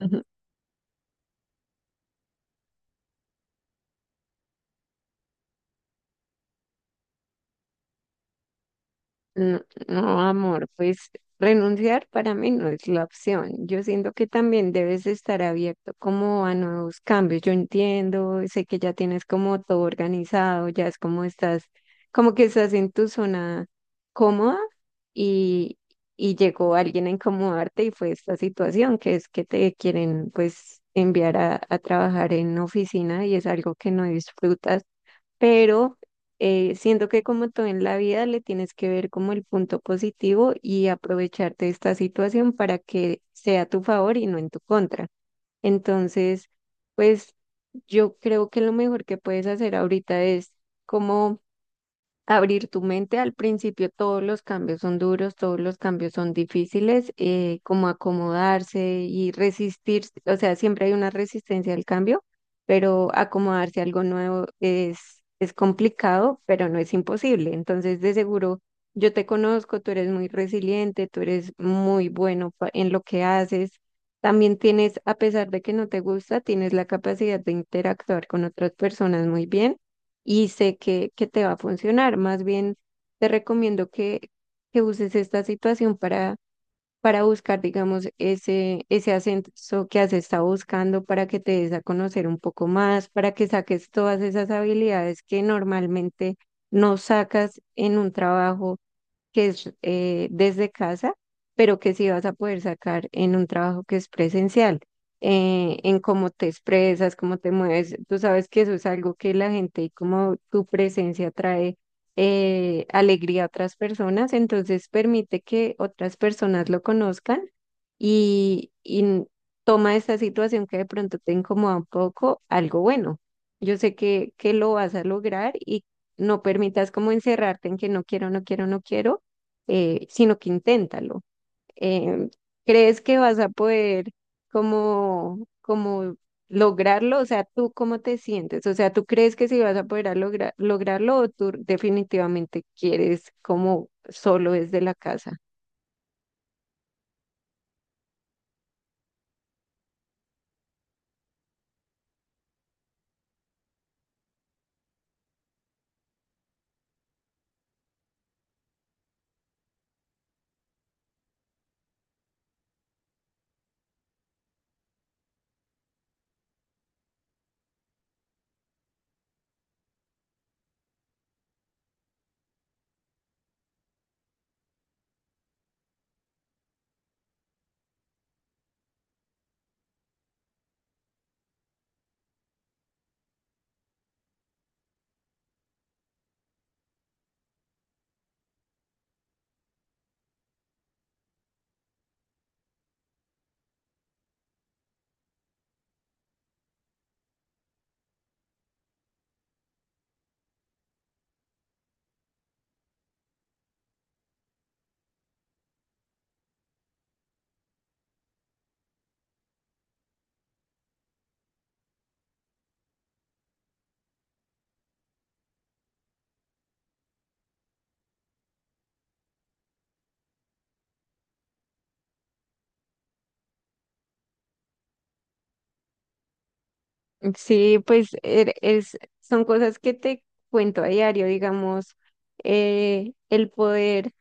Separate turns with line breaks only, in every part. Ujú. No, no, amor, pues renunciar para mí no es la opción. Yo siento que también debes estar abierto como a nuevos cambios. Yo entiendo, sé que ya tienes como todo organizado, ya es como estás, como que estás en tu zona cómoda y, y llegó alguien a incomodarte y fue esta situación, que es que te quieren pues enviar a trabajar en oficina y es algo que no disfrutas pero siento que como todo en la vida le tienes que ver como el punto positivo y aprovecharte de esta situación para que sea a tu favor y no en tu contra. Entonces, pues yo creo que lo mejor que puedes hacer ahorita es como abrir tu mente. Al principio todos los cambios son duros, todos los cambios son difíciles, como acomodarse y resistir, o sea, siempre hay una resistencia al cambio, pero acomodarse a algo nuevo es complicado, pero no es imposible. Entonces, de seguro, yo te conozco, tú eres muy resiliente, tú eres muy bueno pa- en lo que haces. También tienes, a pesar de que no te gusta, tienes la capacidad de interactuar con otras personas muy bien y sé que te va a funcionar. Más bien, te recomiendo que uses esta situación para buscar, digamos, ese ascenso que has estado buscando, para que te des a conocer un poco más, para que saques todas esas habilidades que normalmente no sacas en un trabajo que es desde casa, pero que sí vas a poder sacar en un trabajo que es presencial, en cómo te expresas, cómo te mueves. Tú sabes que eso es algo que la gente y como tu presencia trae alegría a otras personas, entonces permite que otras personas lo conozcan y, y n- toma esta situación que de pronto te incomoda un poco, algo bueno. Yo sé que lo vas a lograr y no permitas como encerrarte en que no quiero, no quiero, no quiero sino que inténtalo. Em, ¿Crees que vas a poder como lograrlo? O sea, ¿tú cómo te sientes? O sea, ¿tú crees que sí vas a poder lograrlo o tú definitivamente quieres como solo desde la casa? Sí, pues son cosas que te cuento a diario, digamos, el poder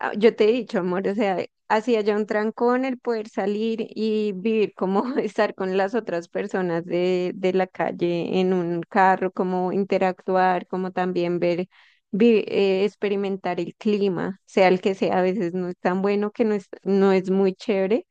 Ah, yo te he dicho, amor, o sea, hacía ya un trancón el poder salir y vivir como estar con las otras personas de la calle en un carro, como interactuar, como también experimentar el clima, sea el que sea, a veces no es tan bueno, que no es muy chévere,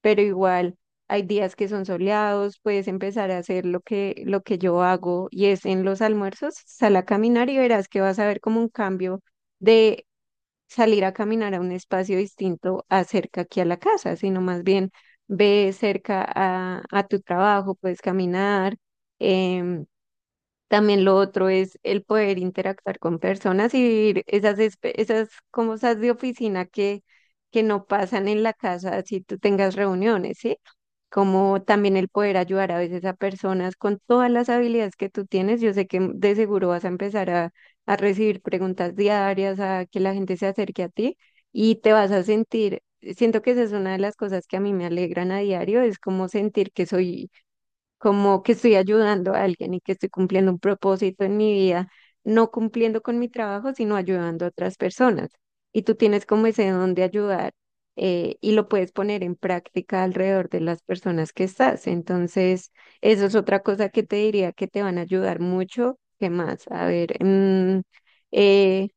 pero igual hay días que son soleados, puedes empezar a hacer lo que yo hago y es en los almuerzos, sal a caminar y verás que vas a ver como un cambio salir a caminar a un espacio distinto a cerca aquí a la casa, sino más bien ve cerca a tu trabajo, puedes caminar. Em, también lo otro es el poder interactuar con personas y vivir esas cosas de oficina que no pasan en la casa si tú tengas reuniones, ¿sí? Como también el poder ayudar a veces a personas con todas las habilidades que tú tienes. Yo sé que de seguro vas a empezar a recibir preguntas diarias, a que la gente se acerque a ti y te vas a sentir, siento que esa es una de las cosas que a mí me alegran a diario, es como sentir que soy como que estoy ayudando a alguien y que estoy cumpliendo un propósito en mi vida, no cumpliendo con mi trabajo, sino ayudando a otras personas. Y tú tienes como ese don de ayudar y lo puedes poner en práctica alrededor de las personas que estás. Entonces, eso es otra cosa que te diría que te van a ayudar mucho. ¿Qué más? A ver, eh,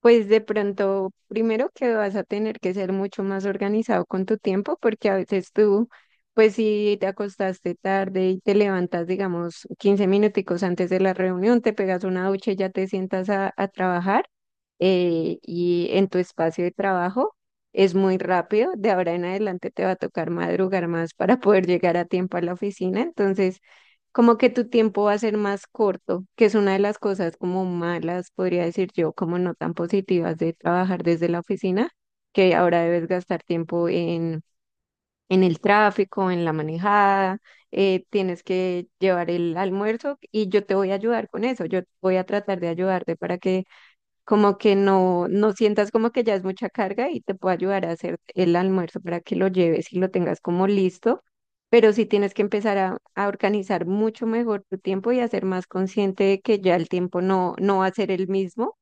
pues de pronto, primero que vas a tener que ser mucho más organizado con tu tiempo, porque a veces tú, pues si te acostaste tarde y te levantas, digamos, 15 minuticos antes de la reunión, te pegas una ducha y ya te sientas a trabajar y en tu espacio de trabajo es muy rápido. De ahora en adelante te va a tocar madrugar más para poder llegar a tiempo a la oficina. Entonces, como que tu tiempo va a ser más corto, que es una de las cosas como malas, podría decir yo, como no tan positivas de trabajar desde la oficina, que ahora debes gastar tiempo en el tráfico, en la manejada, tienes que llevar el almuerzo y yo te voy a ayudar con eso, yo voy a tratar de ayudarte para que como que no sientas como que ya es mucha carga y te puedo ayudar a hacer el almuerzo para que lo lleves y lo tengas como listo pero sí tienes que empezar a organizar mucho mejor tu tiempo y a ser más consciente de que ya el tiempo no va a ser el mismo,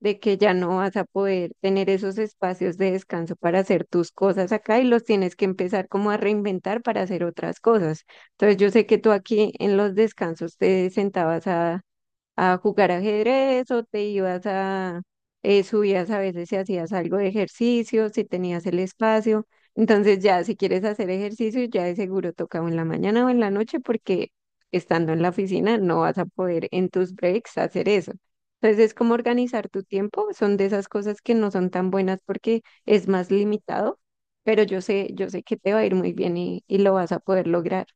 de que ya no vas a poder tener esos espacios de descanso para hacer tus cosas acá y los tienes que empezar como a reinventar para hacer otras cosas. Entonces yo sé que tú aquí en los descansos te sentabas a jugar ajedrez o subías a veces si hacías algo de ejercicio, si tenías el espacio. Entonces ya si quieres hacer ejercicio, ya de seguro toca o en la mañana o en la noche porque estando en la oficina no vas a poder en tus breaks hacer eso. Entonces es como organizar tu tiempo, son de esas cosas que no son tan buenas porque es más limitado, pero yo sé que te va a ir muy bien y lo vas a poder lograr.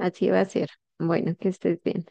Así va a ser. Bueno, que estés bien.